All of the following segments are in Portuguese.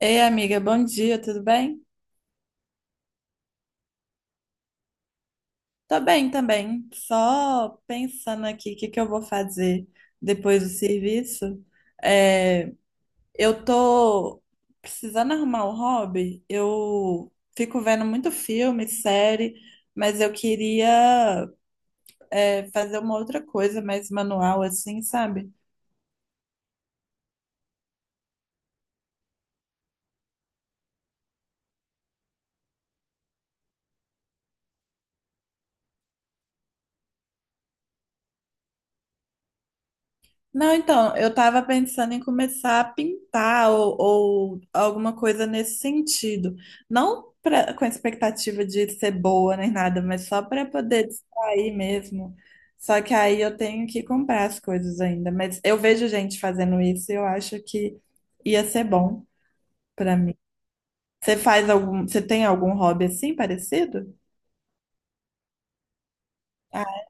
Ei, amiga, bom dia, tudo bem? Tô bem também, só pensando aqui o que eu vou fazer depois do serviço. É, eu tô precisando arrumar um hobby, eu fico vendo muito filme, série, mas eu queria, fazer uma outra coisa mais manual, assim, sabe? Não, então, eu estava pensando em começar a pintar ou alguma coisa nesse sentido. Não pra, com expectativa de ser boa nem nada, mas só para poder distrair mesmo. Só que aí eu tenho que comprar as coisas ainda. Mas eu vejo gente fazendo isso e eu acho que ia ser bom para mim. Você faz algum, você tem algum hobby assim parecido? Ah,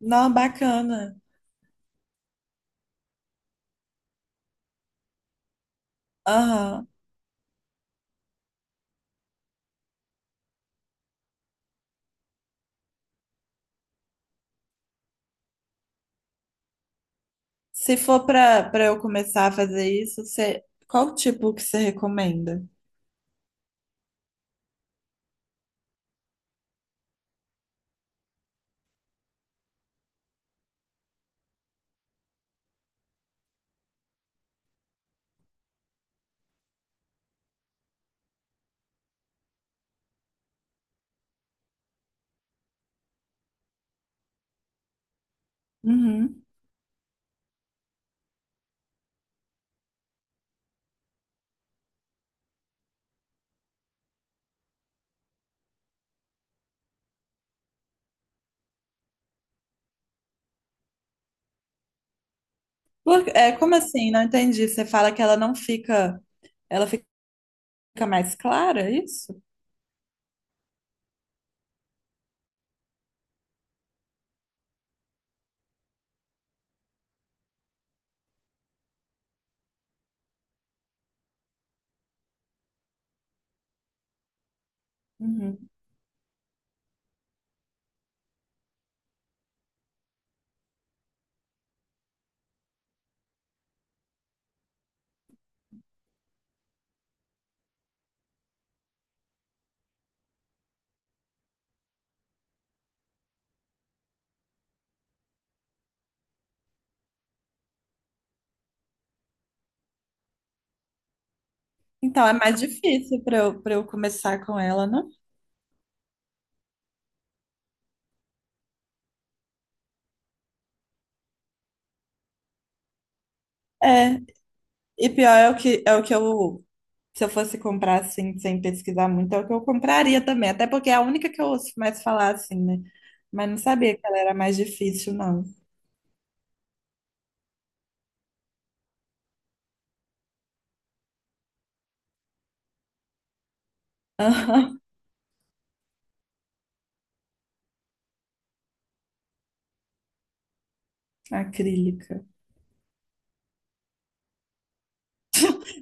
não, bacana. Aham. Se for para eu começar a fazer isso, você, qual tipo que você recomenda? Uhum. É, como assim? Não entendi. Você fala que ela não fica, ela fica mais clara, é isso? Uhum. Então é mais difícil para eu começar com ela, né? É. E pior é se eu fosse comprar assim, sem pesquisar muito, é o que eu compraria também. Até porque é a única que eu ouço mais falar assim, né? Mas não sabia que ela era mais difícil, não. Acrílica.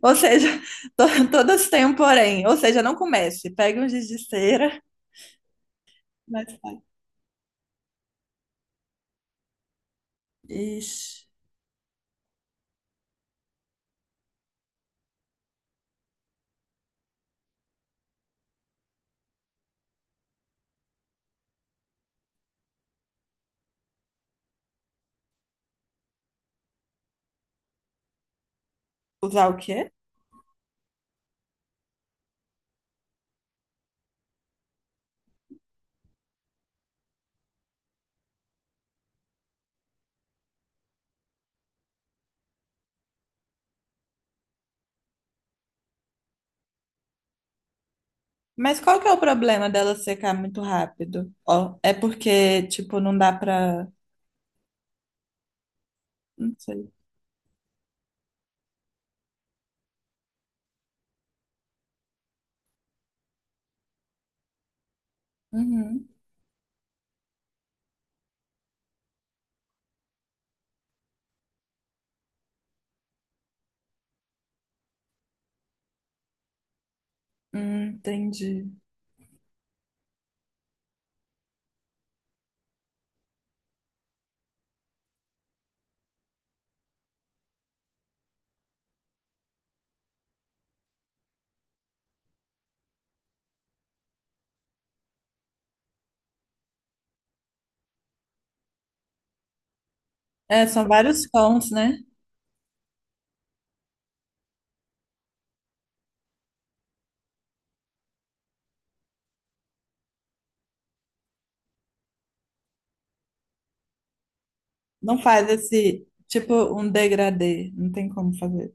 Ou seja, todas têm um porém. Ou seja, não comece. Pegue um giz de cera. Mas... Ixi, usar o quê? Mas qual que é o problema dela secar muito rápido? Ó, é porque, tipo, não dá pra. Não sei. Uhum. Entendi. É, são vários tons, né? Não faz esse, tipo, um degradê. Não tem como fazer.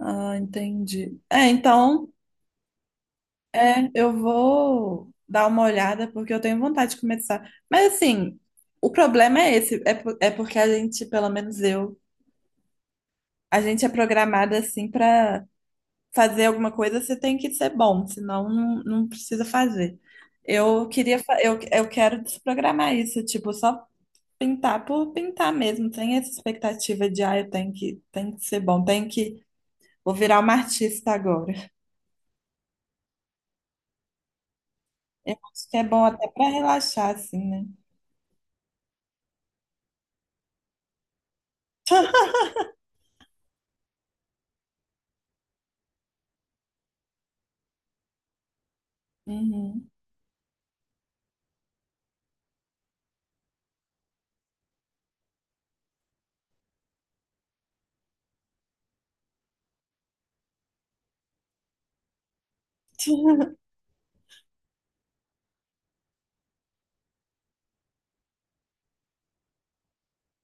Ah, entendi. É, então. É, eu vou dar uma olhada porque eu tenho vontade de começar. Mas assim, o problema é esse, é porque a gente, pelo menos eu, a gente é programada assim para fazer alguma coisa, você tem que ser bom, senão não precisa fazer. Eu queria, eu quero desprogramar isso, tipo, só pintar por pintar mesmo, sem essa expectativa de, ah, eu tenho tenho que ser bom, tenho que, vou virar uma artista agora. Eu acho que é bom até para relaxar, assim, né? Uhum.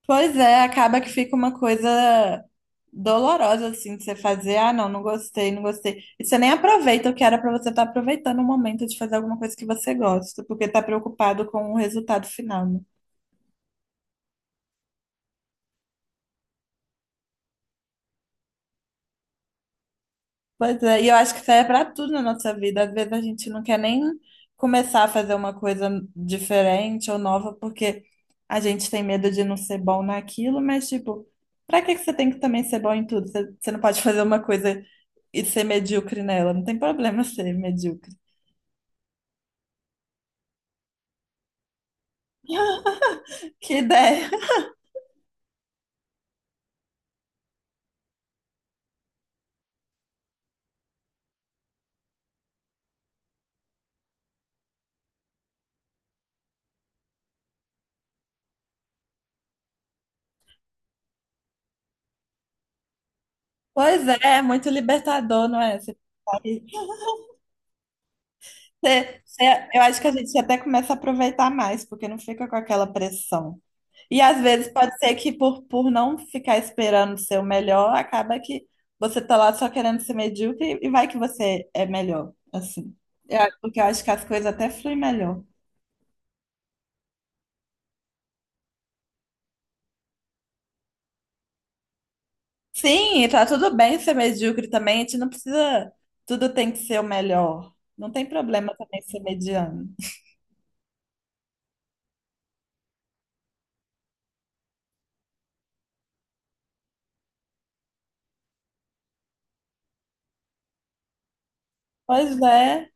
Pois é, acaba que fica uma coisa dolorosa, assim, de você fazer, ah, não gostei, não gostei. E você nem aproveita o que era pra você estar aproveitando o momento de fazer alguma coisa que você gosta, porque tá preocupado com o resultado final, né? Pois é, e eu acho que isso aí é para tudo na nossa vida. Às vezes a gente não quer nem começar a fazer uma coisa diferente ou nova porque a gente tem medo de não ser bom naquilo, mas tipo, para que você tem que também ser bom em tudo? Você não pode fazer uma coisa e ser medíocre nela, não tem problema ser medíocre. Que ideia! Pois é, é muito libertador, não é? Eu acho que a gente até começa a aproveitar mais, porque não fica com aquela pressão. E às vezes pode ser que por não ficar esperando ser o melhor, acaba que você tá lá só querendo ser medíocre e vai que você é melhor, assim. Porque eu acho que as coisas até fluem melhor. Sim, e tá tudo bem ser medíocre também, a gente não precisa, tudo tem que ser o melhor. Não tem problema também ser mediano. Pois é,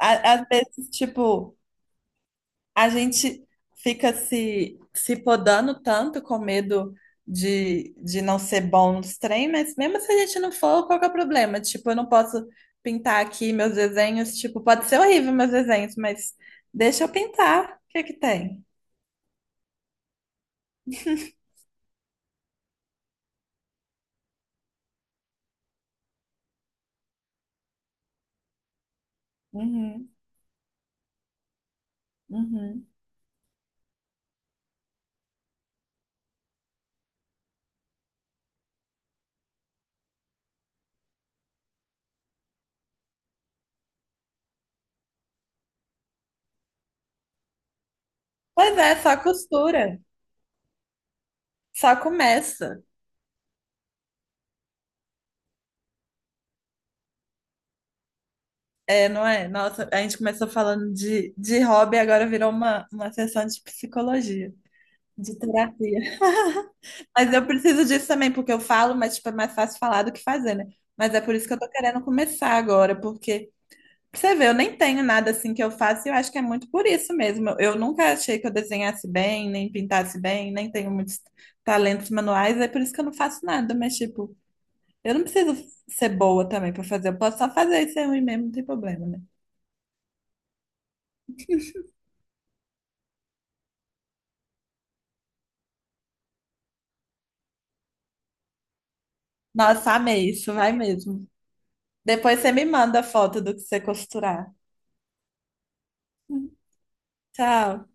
às vezes, tipo, a gente fica se podando tanto com medo de não ser bom nos trem, mas mesmo se a gente não for, qual que é o problema? Tipo, eu não posso pintar aqui meus desenhos, tipo, pode ser horrível meus desenhos, mas deixa eu pintar, o que é que tem? Uhum, uhum. Pois é, só costura, só começa. É, não é? Nossa, a gente começou falando de hobby, agora virou uma sessão de psicologia, de terapia. Mas eu preciso disso também, porque eu falo, mas tipo, é mais fácil falar do que fazer, né? Mas é por isso que eu tô querendo começar agora, porque pra você vê, eu nem tenho nada assim que eu faço e eu acho que é muito por isso mesmo. Eu nunca achei que eu desenhasse bem, nem pintasse bem, nem tenho muitos talentos manuais, é por isso que eu não faço nada, mas tipo, eu não preciso ser boa também pra fazer, eu posso só fazer isso ser ruim mesmo, não tem problema, né? Nossa, amei isso, vai mesmo. Depois você me manda a foto do que você costurar. Tchau.